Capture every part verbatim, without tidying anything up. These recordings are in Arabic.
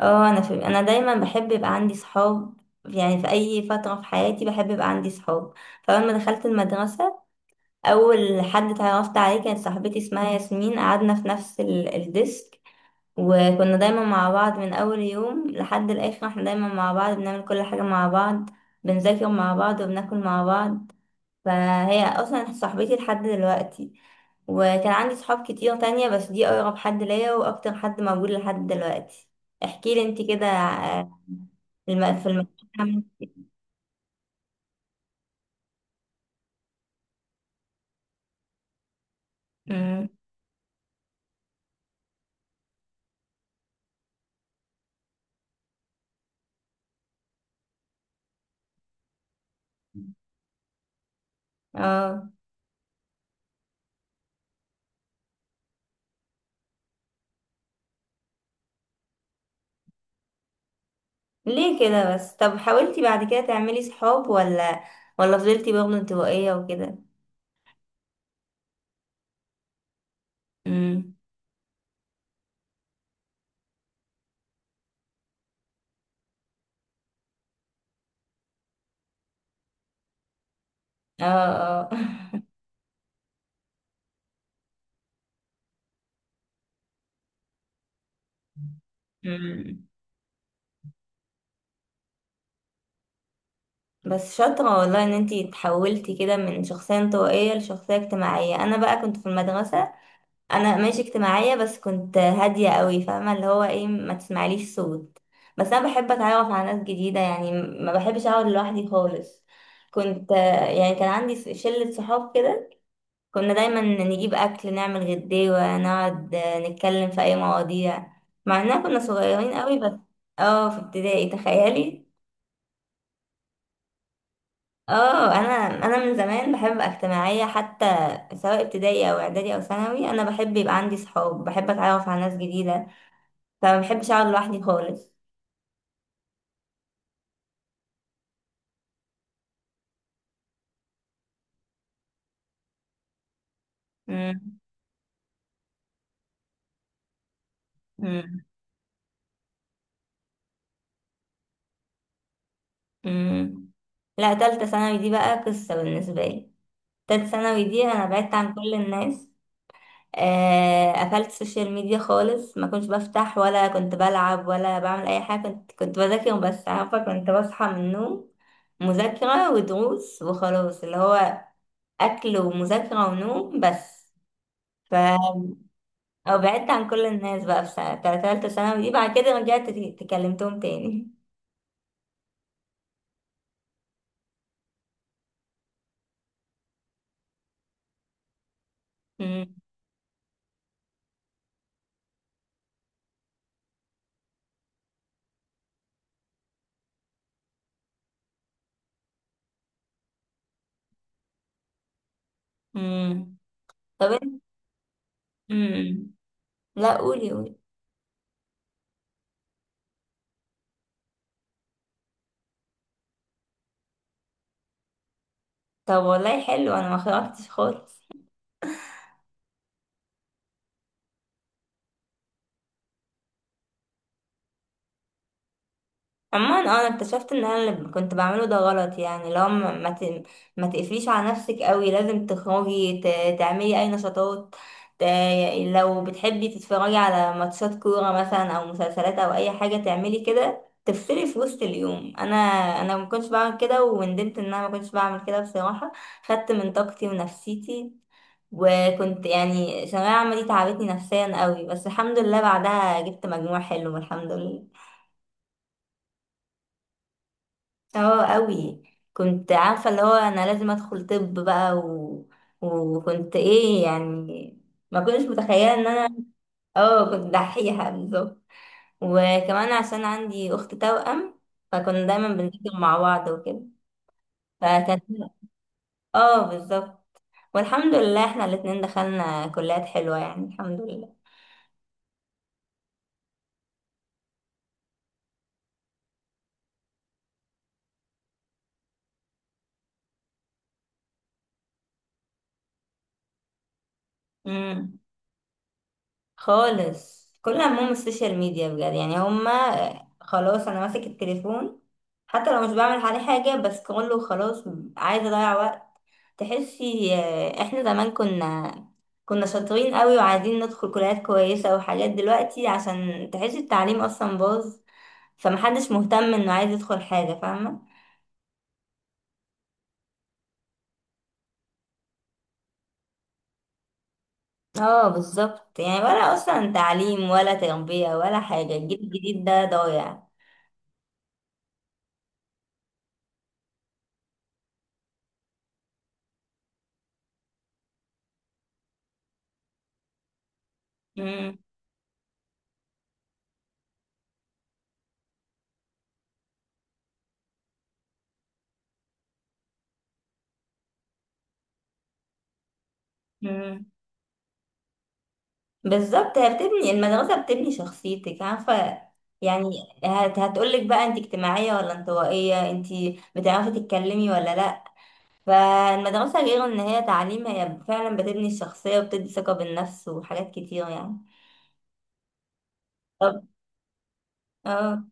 اه، انا في... انا دايما بحب يبقى عندي صحاب. يعني في اي فتره في حياتي بحب يبقى عندي صحاب. فلما دخلت المدرسه، اول حد اتعرفت عليه كانت صاحبتي اسمها ياسمين. قعدنا في نفس ال... الديسك، وكنا دايما مع بعض من اول يوم لحد الاخر. احنا دايما مع بعض، بنعمل كل حاجه مع بعض، بنذاكر مع بعض وبناكل مع بعض. فهي اصلا صاحبتي لحد دلوقتي. وكان عندي صحاب كتير تانية، بس دي اقرب حد ليا واكتر حد موجود لحد دلوقتي. احكي لي انت كده. آه، الم- في المكان. امم. اه. ليه كده بس؟ طب حاولتي بعد كده تعملي صحاب، ولا ولا فضلتي برضه انطوائية وكده؟ امم. اه. اه. مم. بس شاطرة والله ان انتي اتحولتي كده من شخصية انطوائية لشخصية اجتماعية. انا بقى كنت في المدرسة، انا ماشي اجتماعيه، بس كنت هاديه قوي. فاهمه اللي هو ايه، ما تسمعليش صوت. بس انا بحب اتعرف على ناس جديده، يعني ما بحبش اقعد لوحدي خالص. كنت يعني كان عندي شله صحاب كده. كنا دايما نجيب اكل، نعمل غداوه، نقعد نتكلم في اي مواضيع، مع اننا كنا صغيرين قوي بس. اه، في ابتدائي، تخيلي. اه، انا انا من زمان بحب أبقى اجتماعيه. حتى سواء ابتدائي او اعدادي او ثانوي، انا بحب يبقى عندي صحاب، بحب اتعرف على ناس جديده. لا، ما بحبش اقعد لوحدي خالص. مم. مم. مم. لا، تالتة ثانوي دي بقى قصة بالنسبة لي. تالتة ثانوي دي انا بعدت عن كل الناس. آه، قفلت السوشيال ميديا خالص، ما كنتش بفتح ولا كنت بلعب ولا بعمل اي حاجة. كنت كنت بذاكر وبس. عارفة، كنت بصحى من النوم، مذاكرة ودروس وخلاص. اللي هو اكل ومذاكرة ونوم بس. ف أو بعدت عن كل الناس بقى في سنة تالتة ثانوي دي، بعد كده رجعت تكلمتهم تاني. امم. طب انت. امم. لا، قولي قولي. طب والله حلو، انا ما خرجتش خالص. عموما آه، انا اكتشفت ان انا اللي كنت بعمله ده غلط. يعني لو ما ما ت- ما تقفليش على نفسك قوي، لازم تخرجي، ت- تعملي اي نشاطات. ت- لو بتحبي تتفرجي على ماتشات كورة مثلا او مسلسلات او اي حاجة، تعملي كده تفصلي في وسط اليوم. انا انا ما كنتش بعمل كده، وندمت ان انا ما كنتش بعمل كده بصراحة. خدت من طاقتي ونفسيتي، وكنت يعني ثانوية عامة دي تعبتني نفسيا قوي. بس الحمد لله، بعدها جبت مجموع حلو الحمد لله. اه، قوي. كنت عارفة اللي هو انا لازم ادخل طب بقى و... وكنت ايه يعني، ما كنتش متخيلة ان انا. اه، كنت دحيحة بالظبط. وكمان عشان عندي اخت توأم، فكنا دايما بنذاكر مع بعض وكده. فكانت اه، بالظبط. والحمد لله احنا الاتنين دخلنا كليات حلوة، يعني الحمد لله. خالص، كل همهم السوشيال ميديا بجد. يعني هما خلاص، انا ماسك التليفون حتى لو مش بعمل عليه حاجة، بس كله خلاص عايزة اضيع وقت. تحسي آه، احنا زمان كنا كنا شاطرين قوي وعايزين ندخل كليات كويسة وحاجات. دلوقتي عشان تحسي التعليم اصلا باظ، فمحدش مهتم انه عايز يدخل حاجة، فاهمة. اه، بالظبط. يعني ولا اصلا تعليم ولا تربية ولا حاجة، الجيل الجديد ده ضايع. مم. مم. بالظبط، هي بتبني المدرسة، بتبني شخصيتك، عارفة يعني. هت هتقولك بقى انت اجتماعية ولا انطوائية، انت بتعرفي تتكلمي ولا لأ. فالمدرسة غير ان هي تعليم، هي فعلا بتبني الشخصية وبتدي ثقة بالنفس وحاجات كتير يعني. طب. اه.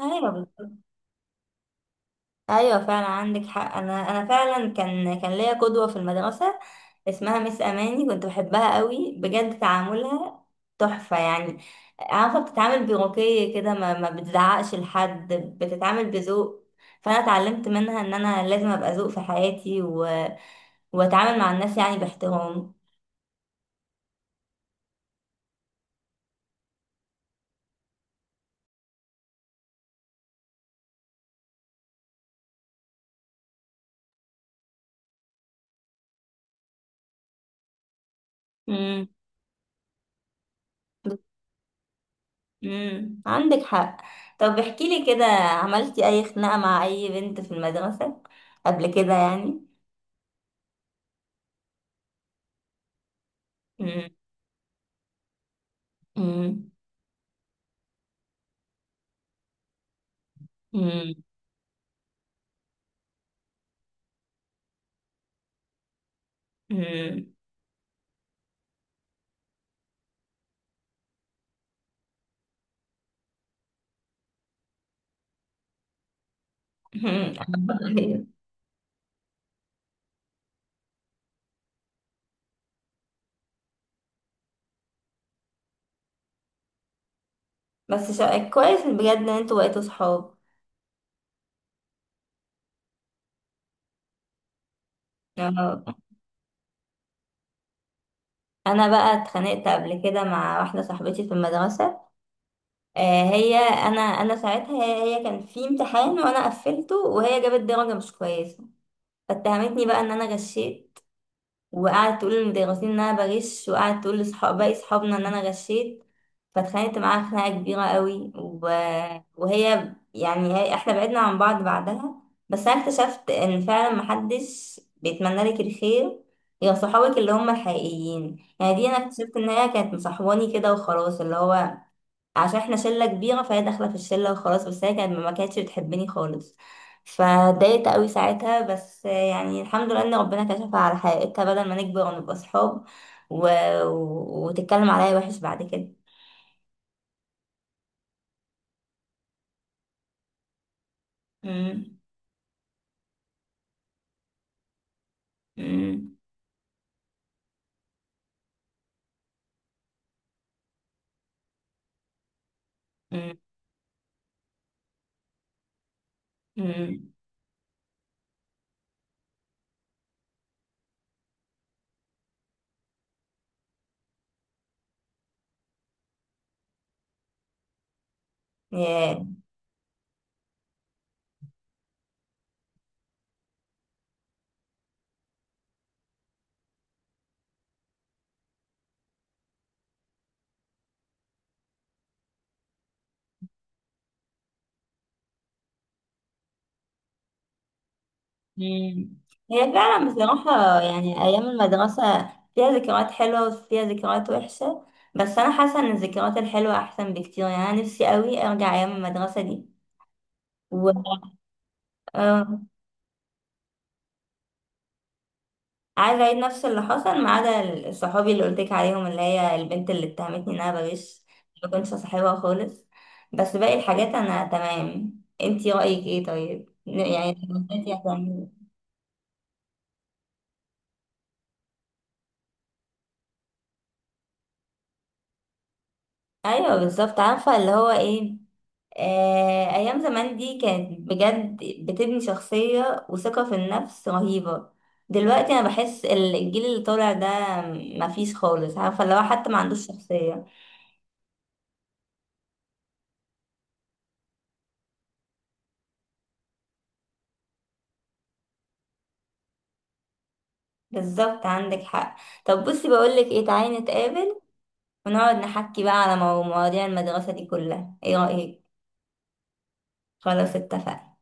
ايوه بالظبط. ايوه فعلا عندك حق. انا انا فعلا كان كان ليا قدوه في المدرسه، اسمها مس اماني. كنت بحبها قوي بجد، تعاملها تحفه يعني. عارفه، بتتعامل بروكيه كده، ما ما بتزعقش لحد، بتتعامل بذوق. فانا اتعلمت منها ان انا لازم ابقى ذوق في حياتي، و... واتعامل مع الناس يعني باحترام. امم. امم، عندك حق. طب احكي لي كده، عملتي اي خناقه مع اي بنت في المدرسه قبل كده يعني؟ امم. مم. مم. هي. بس شا... كويس بجد ان انتوا بقيتوا صحاب. آه. انا بقى اتخانقت قبل كده مع واحده صاحبتي في المدرسه. آه هي، انا انا ساعتها، هي هي كان في امتحان وانا قفلته، وهي جابت درجه مش كويسه. فاتهمتني بقى ان انا غشيت، وقعدت تقول للمدرسين ان انا بغش، وقعدت تقول لصحاب باقي صحابنا ان انا غشيت. فاتخانقت معاها خناقه كبيره قوي و... وهي يعني هي- احنا بعدنا عن بعض بعدها. بس انا اكتشفت ان فعلا محدش بيتمنى لك الخير غير صحابك اللي هم الحقيقيين. يعني دي انا اكتشفت ان هي كانت مصاحباني كده وخلاص، اللي هو عشان احنا شله كبيره فهي داخله في الشله وخلاص. بس هي كانت ما كانتش بتحبني خالص، فاتضايقت قوي ساعتها. بس يعني الحمد لله ان ربنا كشفها على حقيقتها بدل ما نكبر ونبقى صحاب، و... و... وتتكلم عليا وحش بعد كده. مم. مم. مم. مم. ياه. مم. هي فعلا بصراحة، يعني أيام المدرسة فيها ذكريات حلوة وفيها ذكريات وحشة. بس أنا حاسة إن الذكريات الحلوة أحسن بكتير، يعني أنا نفسي قوي أرجع أيام المدرسة دي و... آه. عايزة أعيد نفس اللي حصل، ما عدا صحابي اللي قلتلك عليهم اللي هي البنت اللي اتهمتني إن أنا بغش. ما كنتش صاحبها خالص، بس باقي الحاجات أنا تمام. انتي رأيك ايه طيب؟ ن- يعني انتي هتعملي. ايوه بالظبط، عارفة اللي هو ايه. آه أيام زمان دي كانت بجد بتبني شخصية وثقة في النفس رهيبة. دلوقتي أنا بحس الجيل اللي طالع ده مفيش خالص، عارفة اللي هو حتى ما عندوش شخصية. بالظبط عندك حق. طب بصي، بقولك ايه، تعالي نتقابل ونقعد نحكي بقى على مو- مواضيع المدرسة دي كلها، ايه رأيك؟ خلاص اتفقنا.